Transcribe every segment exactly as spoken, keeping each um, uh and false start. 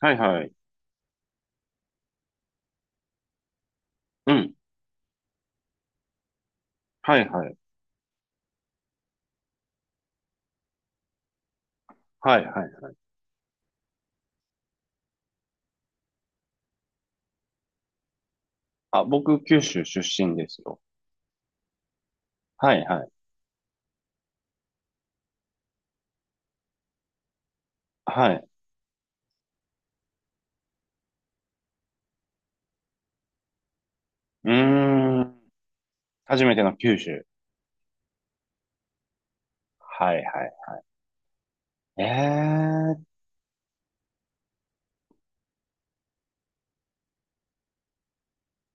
はいはい。うん。はいはい。はいはい。あ、僕、九州出身ですよ。はいはい。はい。うーん。初めての九州。はいはい。えー。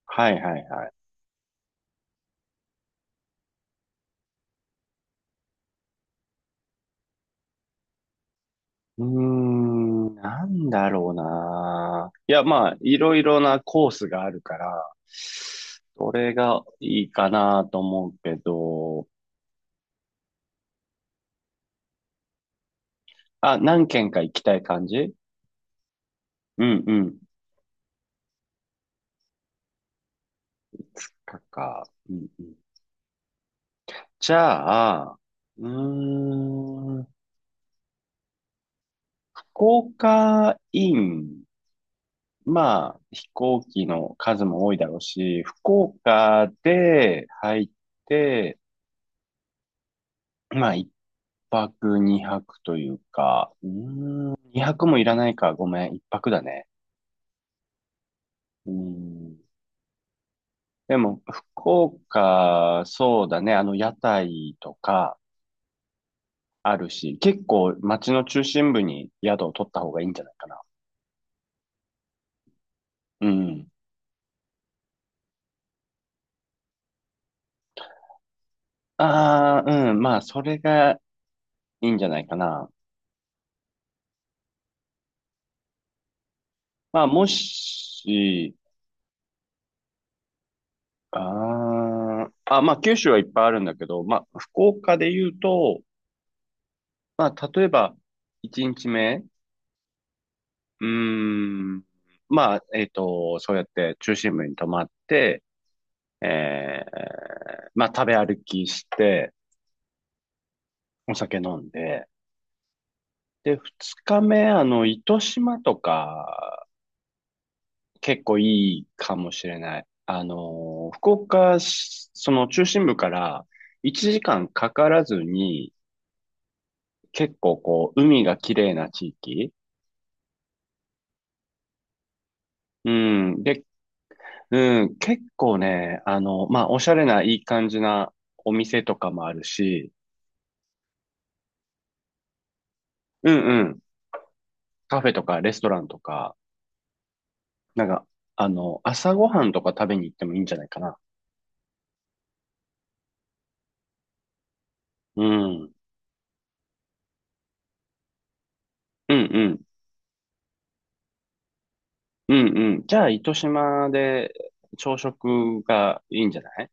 はいはいはい。うーん。なんだろうな。いや、まあ、いろいろなコースがあるから、それがいいかなと思うけど、あ、何軒か行きたい感じ？うんうん。かか。うんうん。じゃあ、うーん福岡イン、まあ、飛行機の数も多いだろうし、福岡で入って、まあ、一泊二泊というか、うーん、二泊もいらないか、ごめん、一泊だね。うーん。でも、福岡、そうだね、あの、屋台とかあるし、結構街の中心部に宿を取った方がいいんじゃないかな。うん。ああ、うん、まあ、それがいいんじゃないかな。まあ、もし、あーあ、まあ、九州はいっぱいあるんだけど、まあ、福岡で言うと、まあ、例えば、いちにちめ、うーん、まあ、えっと、そうやって中心部に泊まって、えー、まあ、食べ歩きして、お酒飲んで、で、ふつかめ、あの、糸島とか、結構いいかもしれない。あの、福岡、その中心部からいちじかんかんかからずに、結構こう、海が綺麗な地域。うん。で、うん、結構ね、あの、まあ、おしゃれないい感じなお店とかもあるし、うんうん。カフェとかレストランとか、なんか、あの、朝ごはんとか食べに行ってもいいんじゃないかな。うん。うんうん。うんうん。じゃあ、糸島で朝食がいいんじゃない？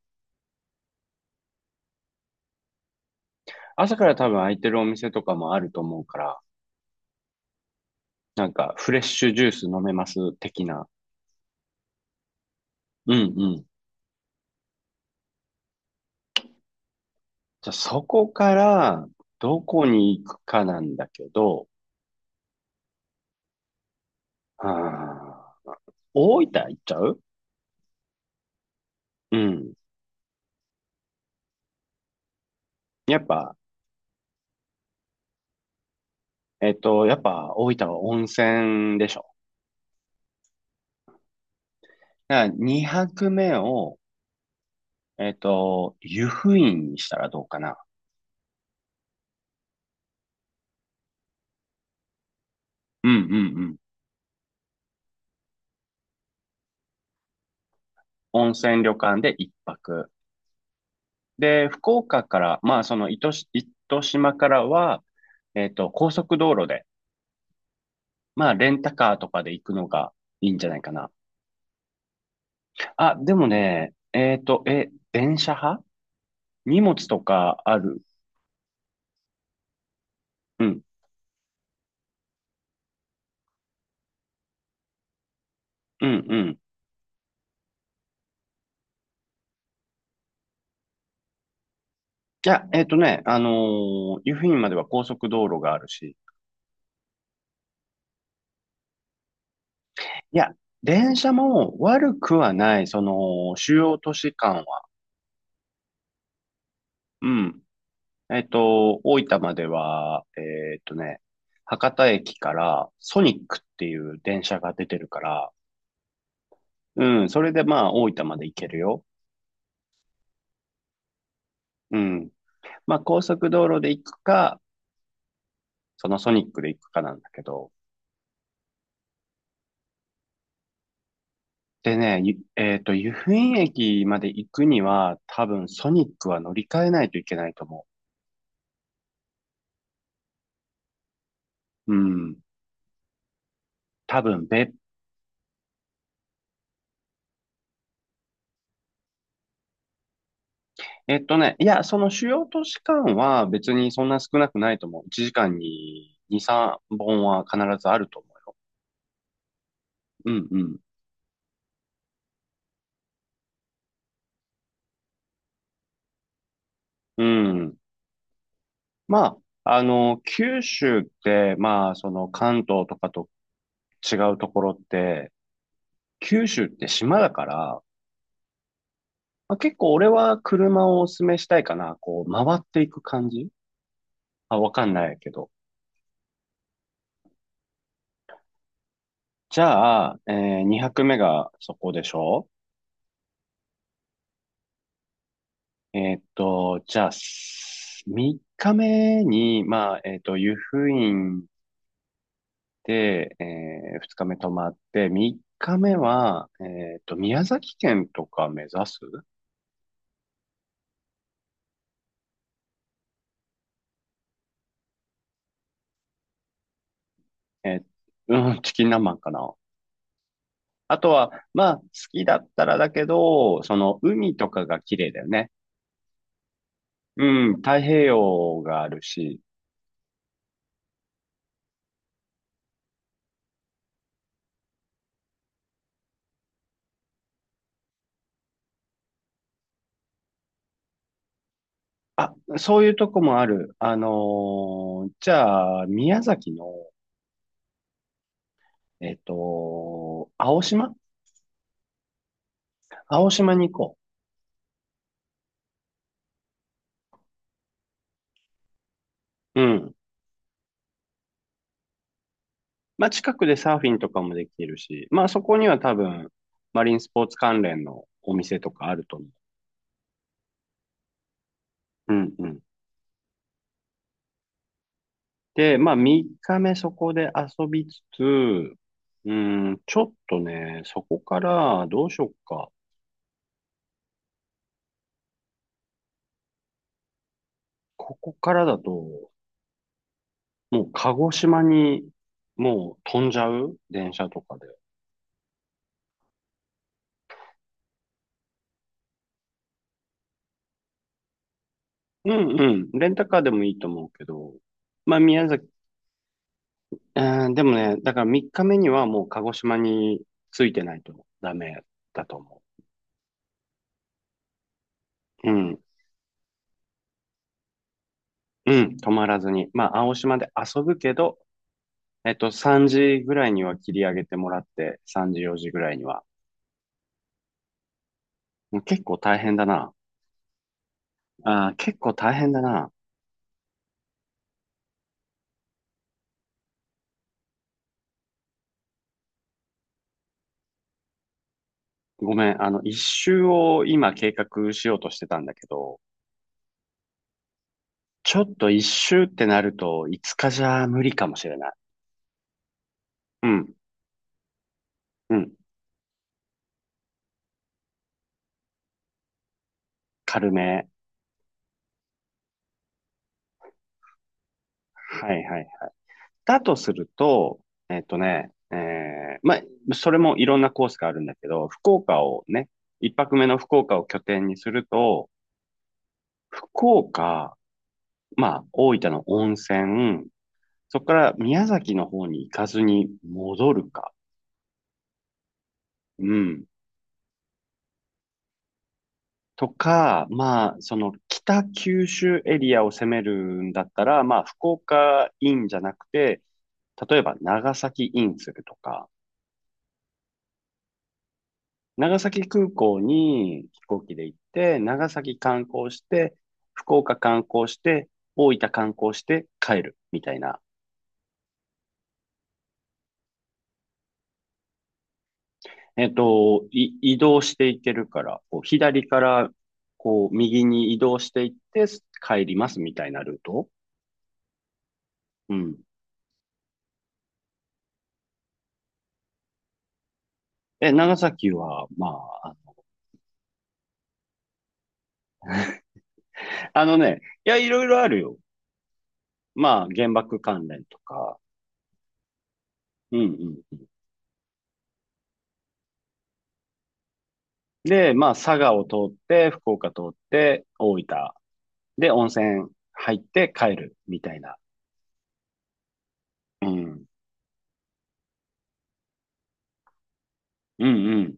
朝から多分空いてるお店とかもあると思うから、なんかフレッシュジュース飲めます的な。うん。じゃあそこからどこに行くかなんだけど、あー大分行っちゃう？うん。やっぱ、えっと、やっぱ大分は温泉でしょ。だからにはくめを、えっと、湯布院にしたらどうかな。うんうんうん。温泉旅館でいっぱく。で、福岡から、まあその糸し、糸島からは、えっと、高速道路で、まあレンタカーとかで行くのがいいんじゃないかな。あ、でもね、えっと、え、電車派？荷物とかある？うん、うん、うん。いや、えっとね、あのー、湯布院までは高速道路があるし。いや、電車も悪くはない、その、主要都市間は。うん。えっと、大分までは、えっとね、博多駅からソニックっていう電車が出てるから、うん、それでまあ大分まで行けるよ。うん。まあ高速道路で行くか、そのソニックで行くかなんだけど、でね、ゆえっと、湯布院駅まで行くには、多分ソニックは乗り換えないといけないと思う。うん。多分べ、えっとね、いや、その主要都市間は別にそんな少なくないと思う。いちじかんにに、さんぼんは必ずあると思うよ。うんうん。うん。まあ、あの、九州って、まあ、その関東とかと違うところって、九州って島だから、まあ、結構俺は車をお勧めしたいかな。こう、回っていく感じ？あ、わかんないけど。じゃあ、えー、にはくめがそこでしょ？えーっと、じゃあ、みっかめに、まあ、えーっと、湯布院で、えふつかめ泊まって、みっかめは、えーっと、宮崎県とか目指す？えーうん、チキン南蛮かな。あとは、まあ、好きだったらだけど、その、海とかが綺麗だよね。うん、太平洋があるし、あ、そういうとこもある。あのーじゃあ、宮崎の、えっと、青島？青島に行こう。うん。まあ、近くでサーフィンとかもできるし、まあ、そこには多分、マリンスポーツ関連のお店とかあると思う。うんうん。で、まあ、みっかめそこで遊びつつ、うーん、ちょっとね、そこから、どうしよっか。ここからだと、もう鹿児島に、もう飛んじゃう？電車とかで。うんうん。レンタカーでもいいと思うけど。まあ、宮崎、うん、でもね、だからみっかめにはもう鹿児島に着いてないとダメだと思う。うん。うん。泊まらずに。まあ、青島で遊ぶけど、えっと、さんじぐらいには切り上げてもらって、さんじ、よじぐらいには。もう結構大変だな。あー、結構大変だな。ごめん。あの、一周を今計画しようとしてたんだけど、ちょっと一周ってなるといつかじゃ無理かもしれない。うん。うん。軽め。はいはい。だとすると、えっとね、えー、まあ、それもいろんなコースがあるんだけど、福岡をね、一泊目の福岡を拠点にすると、福岡、まあ、大分の温泉、そこから宮崎の方に行かずに戻るか、うん。とか、まあ、その北九州エリアを攻めるんだったら、まあ、福岡インじゃなくて、例えば長崎インするとか、長崎空港に飛行機で行って、長崎観光して、福岡観光して、大分観光して帰るみたいな。えっと、い移動していけるから、こう左からこう右に移動していって帰りますみたいなルート。うん。え、長崎は、まあ、あのね、いや、いろいろあるよ。まあ、原爆関連とか。うんうん。で、まあ、佐賀を通って、福岡通って、大分で、温泉入って帰るみたいな。うん。うんうん。